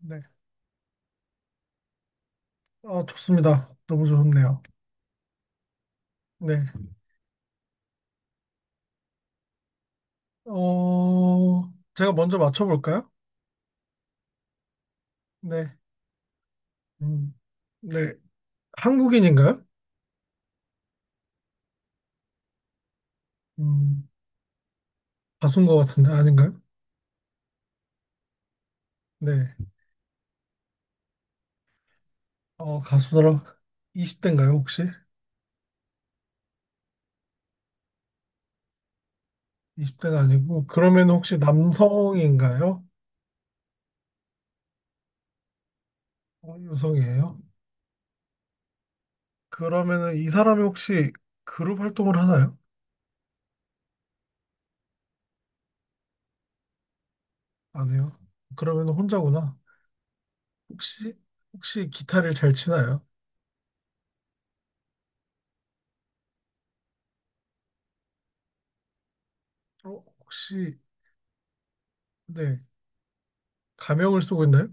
네. 아 좋습니다. 너무 좋네요. 네. 어, 제가 먼저 맞춰볼까요? 네. 음, 네. 한국인인가요? 음, 가수인 것 같은데 아닌가요? 네. 가수더라. 20대인가요, 혹시? 20대는 아니고, 그러면 혹시 남성인가요? 여성이에요? 그러면은 이 사람이 혹시 그룹 활동을 하나요? 안 해요. 그러면 혼자구나. 혹시, 혹시 기타를 잘 치나요? 어, 혹시, 네. 가명을 쓰고 있나요?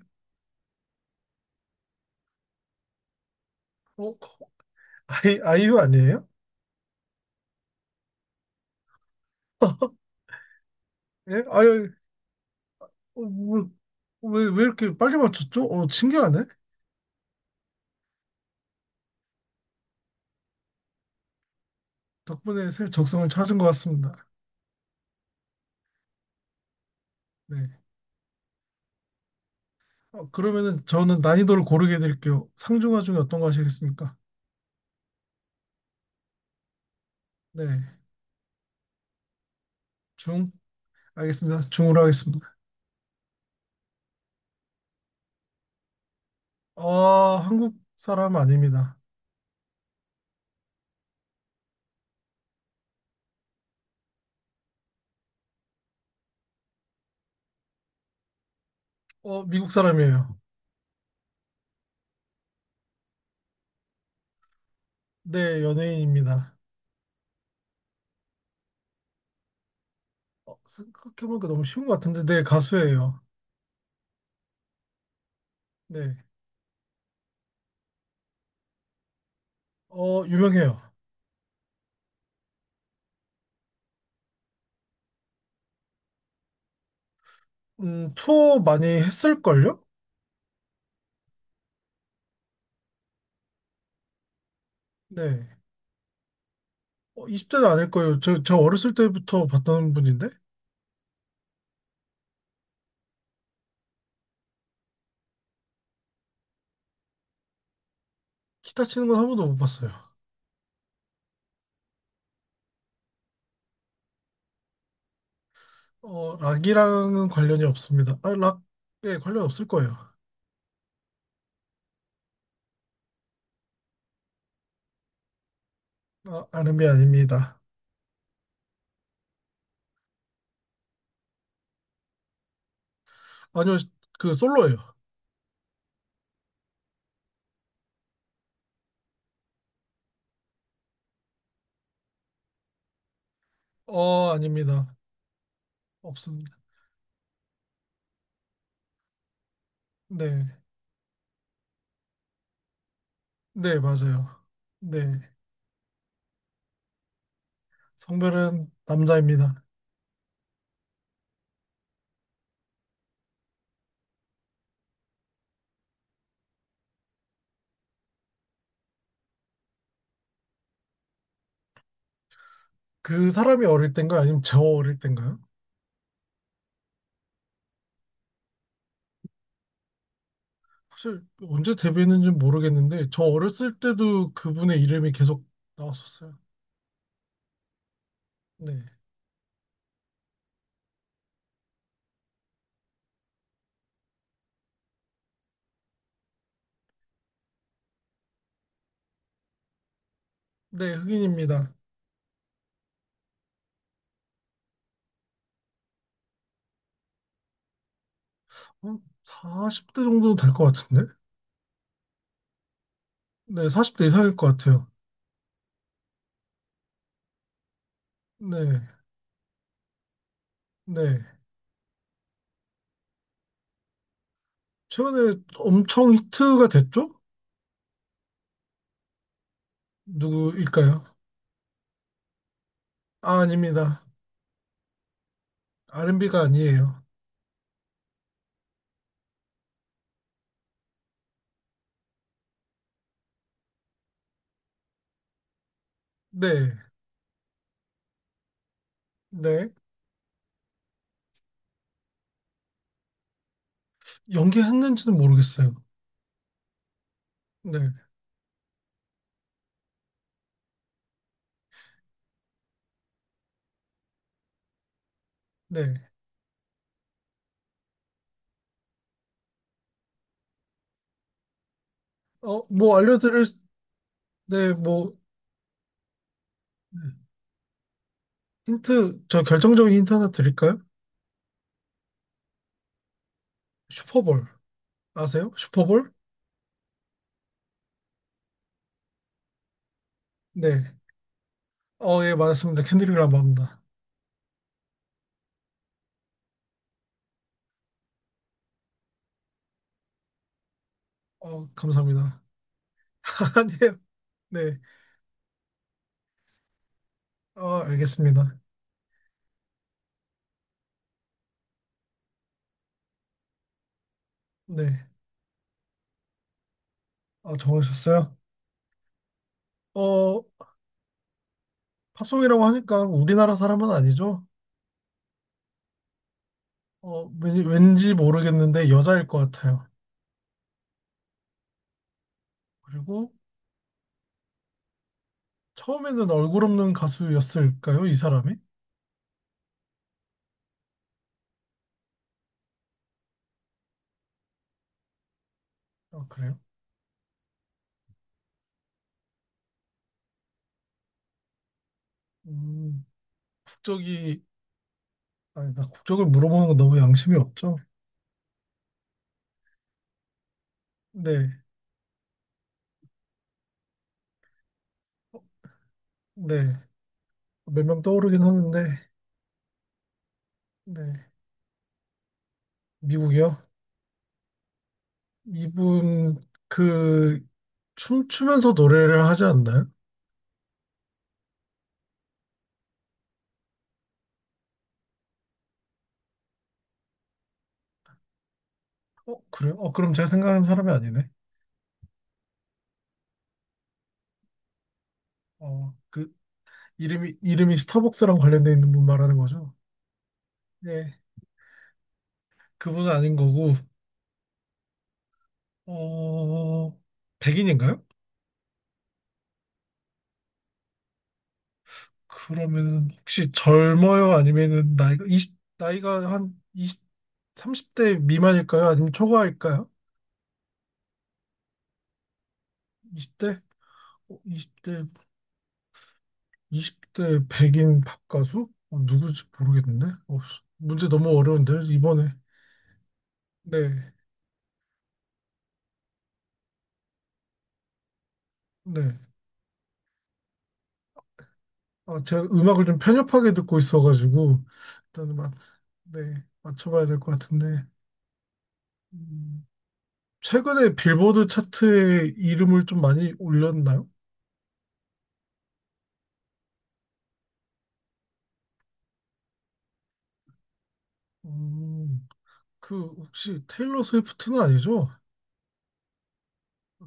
어? 아이유 아니에요? 예? 아유, 뭐, 왜 이렇게 빨리 맞췄죠? 신기하네. 덕분에 새 적성을 찾은 것 같습니다. 네. 그러면은 저는 난이도를 고르게 해드릴게요. 상중하 중에 어떤 거 하시겠습니까? 네. 중? 알겠습니다. 중으로 하겠습니다. 한국 사람 아닙니다. 미국 사람이에요. 네, 연예인입니다. 생각해보니까 너무 쉬운 것 같은데, 네, 가수예요. 네. 유명해요. 투어 많이 했을걸요? 네. 20대도 아닐 거예요. 저 어렸을 때부터 봤던 분인데 기타 치는 건 한 번도 못 봤어요. 락이랑은 관련이 없습니다. 아, 락에 관련 없을 거예요. 아, 아름이 아닙니다. 아니요, 그 솔로예요. 아닙니다. 없습니다. 네, 네, 맞아요. 네, 성별은 남자입니다. 그 사람이 어릴 땐가요? 아니면 저 어릴 땐가요? 사실 언제 데뷔했는지 모르겠는데 저 어렸을 때도 그분의 이름이 계속 나왔었어요. 네, 네, 흑인입니다. 어, 40대 정도 될 것 같은데? 네, 40대 이상일 것 같아요. 네, 네. 최근에 엄청 히트가 됐죠? 누구일까요? 아, 아닙니다. R&B가 아니에요. 네, 네. 연기했는지는 모르겠어요. 네, 네. 뭐 알려드릴, 네, 뭐, 힌트, 저 결정적인 힌트 하나 드릴까요? 슈퍼볼. 아세요? 슈퍼볼? 네. 예, 맞았습니다. 캔디리 라마입니다. 감사합니다. 아니에요. 네. 알겠습니다. 네. 아, 정하셨어요? 어, 팝송이라고 하니까 우리나라 사람은 아니죠? 왠지 모르겠는데 여자일 것 같아요. 그리고 처음에는 얼굴 없는 가수였을까요? 이 사람이? 아, 그래요? 음, 국적이, 아니, 나 국적을 물어보는 건 너무 양심이 없죠? 네, 네. 몇 명 떠오르긴 하는데, 네. 미국이요? 이분, 그, 춤추면서 노래를 하지 않나요? 그래요? 그럼 제가 생각하는 사람이 아니네. 그 이름이 스타벅스랑 관련돼 있는 분 말하는 거죠? 네. 그분은 아닌 거고, 어, 백인인가요? 그러면 혹시 젊어요? 아니면은 나이가, 이십 나이가 한 이십 30대 미만일까요? 아니면 초과일까요? 20대? 20대, 20대 백인 팝 가수? 누구지 모르겠는데? 문제 너무 어려운데, 이번에. 네, 네. 아, 제가 음악을 좀 편협하게 듣고 있어가지고, 일단은 맞 네, 맞춰봐야 될 것 같은데. 음, 최근에 빌보드 차트에 이름을 좀 많이 올렸나요? 음, 그 혹시 테일러 스위프트는 아니죠?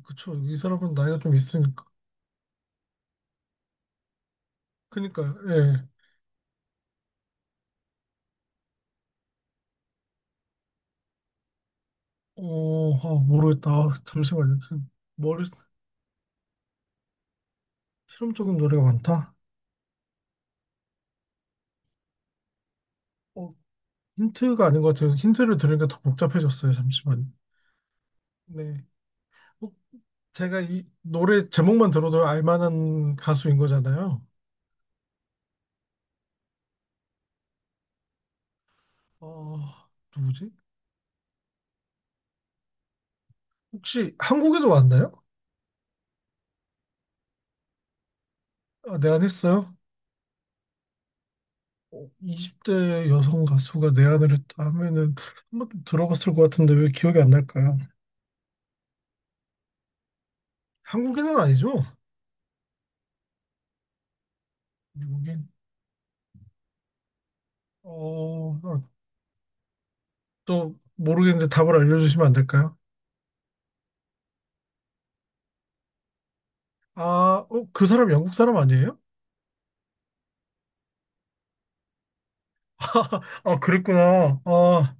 그쵸. 이 사람은 나이가 좀 있으니까. 그니까요. 예. 아, 모르겠다. 아, 잠시만요. 지금 머리 실험적인 노래가 많다. 어, 힌트가 아닌 것 같아요. 힌트를 들으니까 더 복잡해졌어요. 잠시만요. 네. 어, 제가 이 노래 제목만 들어도 알만한 가수인 거잖아요. 어, 누구지? 혹시 한국에도 왔나요? 아, 내한했어요? 20대 여성 가수가 내한을 했다 하면은 한번 들어봤을 것 같은데 왜 기억이 안 날까요? 한국인은 아니죠? 미국인? 아, 또 모르겠는데 답을 알려주시면 안 될까요? 아, 그 사람 영국 사람 아니에요? 아, 그랬구나. 아,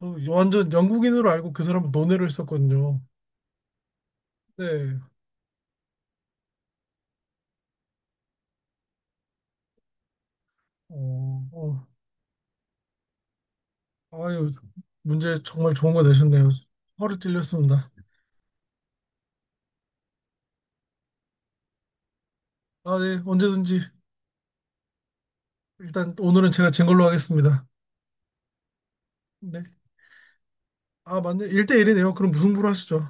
완전 영국인으로 알고 그 사람은 논외로 했었거든요. 네. 어, 어, 아유, 문제 정말 좋은 거 내셨네요. 허를 찔렸습니다. 아, 네, 언제든지 일단 오늘은 제가 진 걸로 하겠습니다. 네. 아, 맞네. 1대1이네요. 그럼 무승부로 하시죠.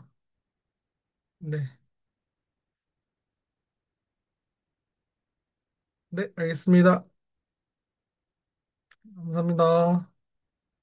네. 네, 알겠습니다. 감사합니다.